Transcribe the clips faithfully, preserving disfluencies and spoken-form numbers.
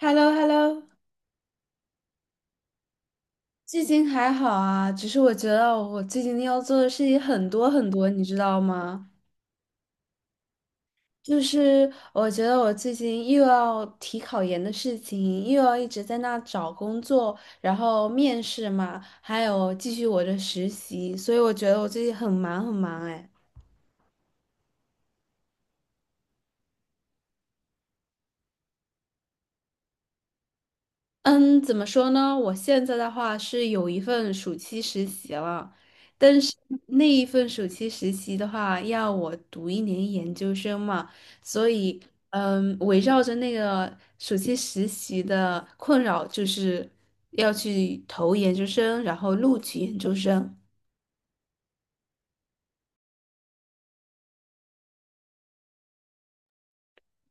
h e l l o h e l l o。 最近还好啊，只是我觉得我最近要做的事情很多很多，你知道吗？就是我觉得我最近又要提考研的事情，又要一直在那找工作，然后面试嘛，还有继续我的实习，所以我觉得我最近很忙很忙哎。嗯，怎么说呢？我现在的话是有一份暑期实习了，但是那一份暑期实习的话，要我读一年研究生嘛，所以，嗯，围绕着那个暑期实习的困扰，就是要去投研究生，然后录取研究生。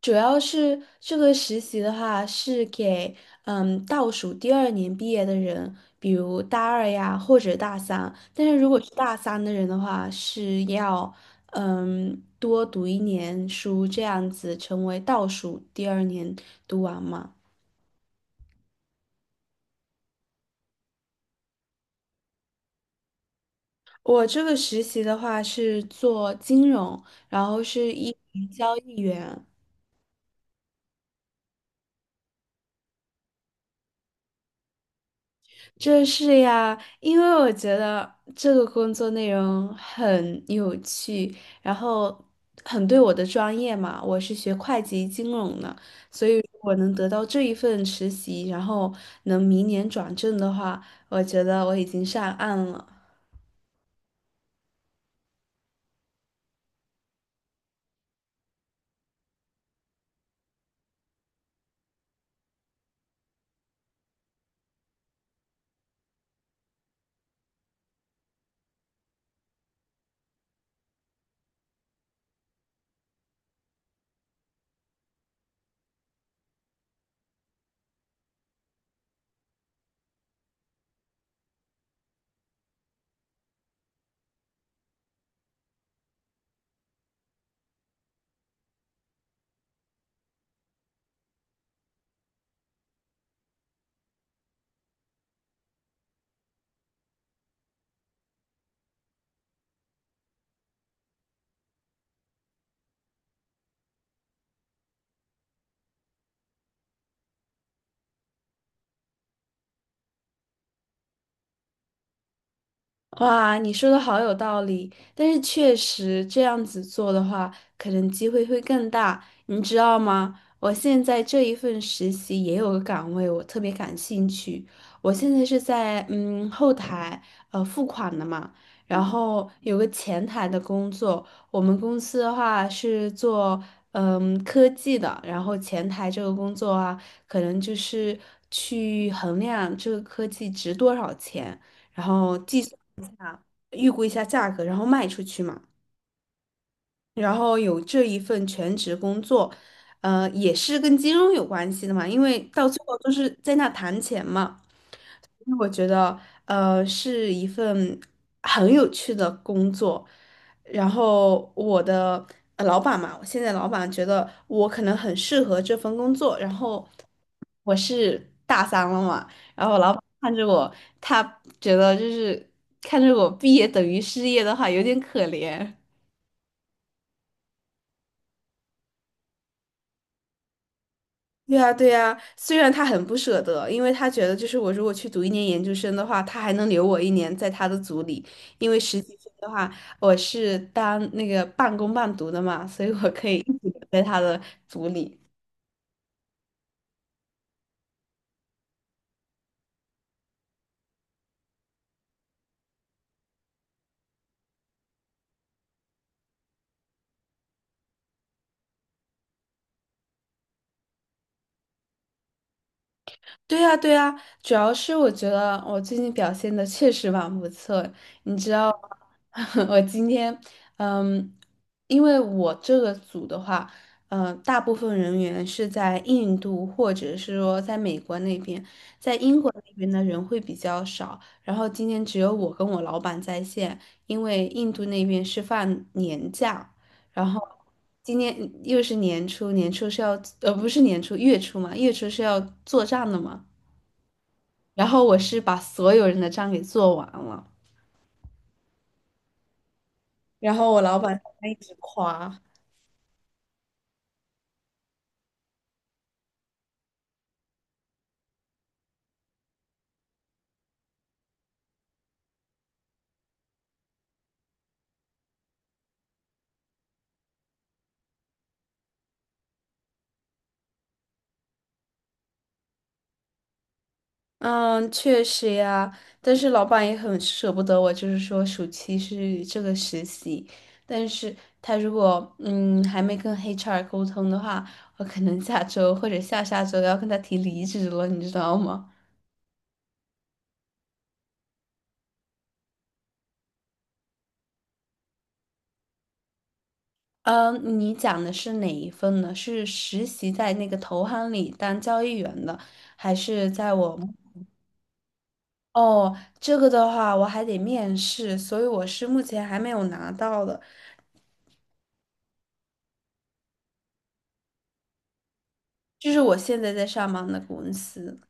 主要是这个实习的话，是给嗯倒数第二年毕业的人，比如大二呀或者大三。但是如果是大三的人的话，是要嗯多读一年书，这样子成为倒数第二年读完嘛。我这个实习的话是做金融，然后是一名交易员。就是呀，因为我觉得这个工作内容很有趣，然后很对我的专业嘛，我是学会计金融的，所以如果能得到这一份实习，然后能明年转正的话，我觉得我已经上岸了。哇，你说的好有道理，但是确实这样子做的话，可能机会会更大，你知道吗？我现在这一份实习也有个岗位，我特别感兴趣。我现在是在嗯后台呃付款的嘛，然后有个前台的工作。我们公司的话是做嗯科技的，然后前台这个工作啊，可能就是去衡量这个科技值多少钱。然后计预估一下价格，然后卖出去嘛。然后有这一份全职工作，呃，也是跟金融有关系的嘛，因为到最后都是在那谈钱嘛。那我觉得，呃，是一份很有趣的工作。然后我的呃老板嘛，我现在老板觉得我可能很适合这份工作。然后我是大三了嘛，然后老板看着我，他觉得就是看着我毕业等于失业的话，有点可怜。对呀，对呀，虽然他很不舍得，因为他觉得就是我如果去读一年研究生的话，他还能留我一年在他的组里，因为实习生的话，我是当那个半工半读的嘛，所以我可以一直留在他的组里。对呀，对呀，主要是我觉得我最近表现的确实蛮不错，你知道吗？ 我今天，嗯，因为我这个组的话，呃，大部分人员是在印度或者是说在美国那边，在英国那边的人会比较少。然后今天只有我跟我老板在线，因为印度那边是放年假，然后今天又是年初，年初是要，呃，不是年初，月初嘛，月初是要做账的嘛。然后我是把所有人的账给做完了。然后我老板他一直夸，嗯，确实呀，但是老板也很舍不得我，就是说暑期是这个实习，但是他如果嗯还没跟 H R 沟通的话，我可能下周或者下下周要跟他提离职了，你知道吗？嗯，你讲的是哪一份呢？是实习在那个投行里当交易员的，还是在我？哦，这个的话我还得面试，所以我是目前还没有拿到的，就是我现在在上班的公司。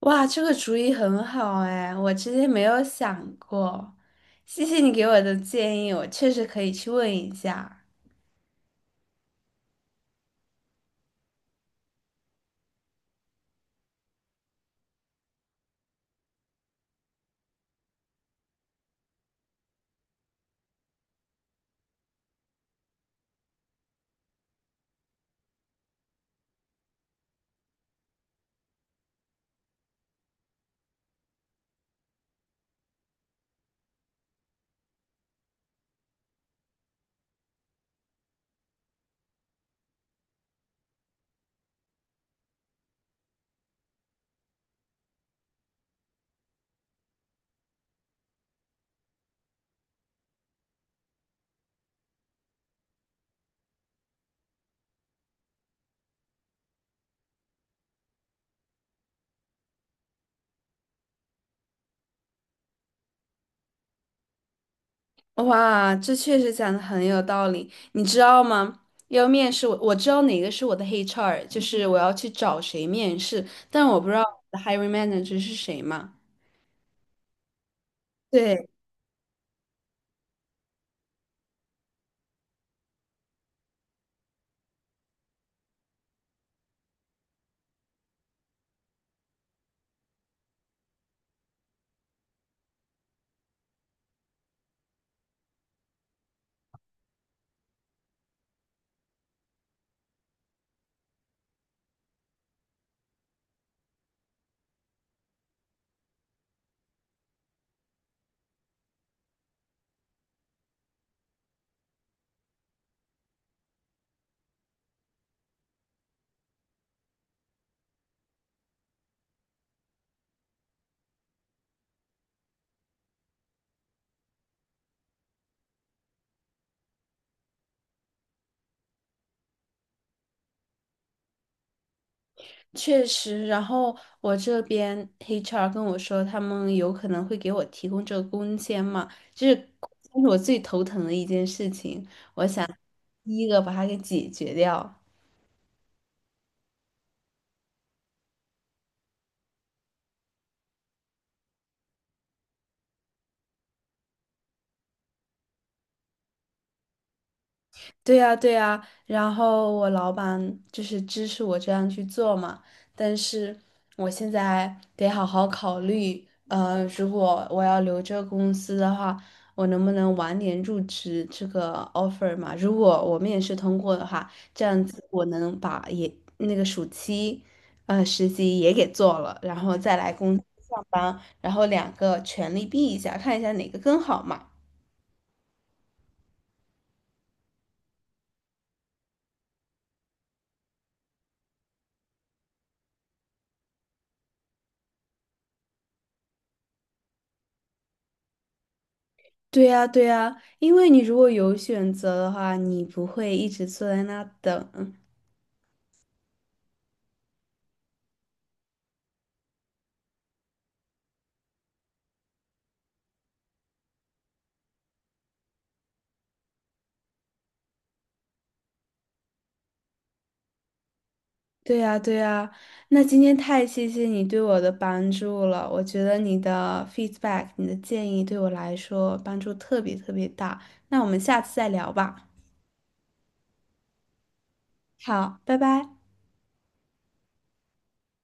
哇，这个主意很好哎，我之前没有想过，谢谢你给我的建议，我确实可以去问一下。哇，这确实讲的很有道理，你知道吗？要面试我，我知道哪个是我的 H R，就是我要去找谁面试，但我不知道我的 hiring manager 是谁嘛。对。确实，然后我这边 H R 跟我说，他们有可能会给我提供这个工签嘛，就是这是我最头疼的一件事情，第一个把它给解决掉。对呀，对呀，然后我老板就是支持我这样去做嘛，但是我现在得好好考虑，呃，如果我要留这个公司的话，我能不能晚点入职这个 offer 嘛？如果我面试通过的话，这样子我能把也那个暑期，呃，实习也给做了，然后再来公司上班，然后两个全力比一下，看一下哪个更好嘛。对呀，对呀，因为你如果有选择的话，你不会一直坐在那等。对呀，对呀，那今天太谢谢你对我的帮助了，我觉得你的 feedback，你的建议对我来说帮助特别特别大。那我们下次再聊吧。好，拜拜。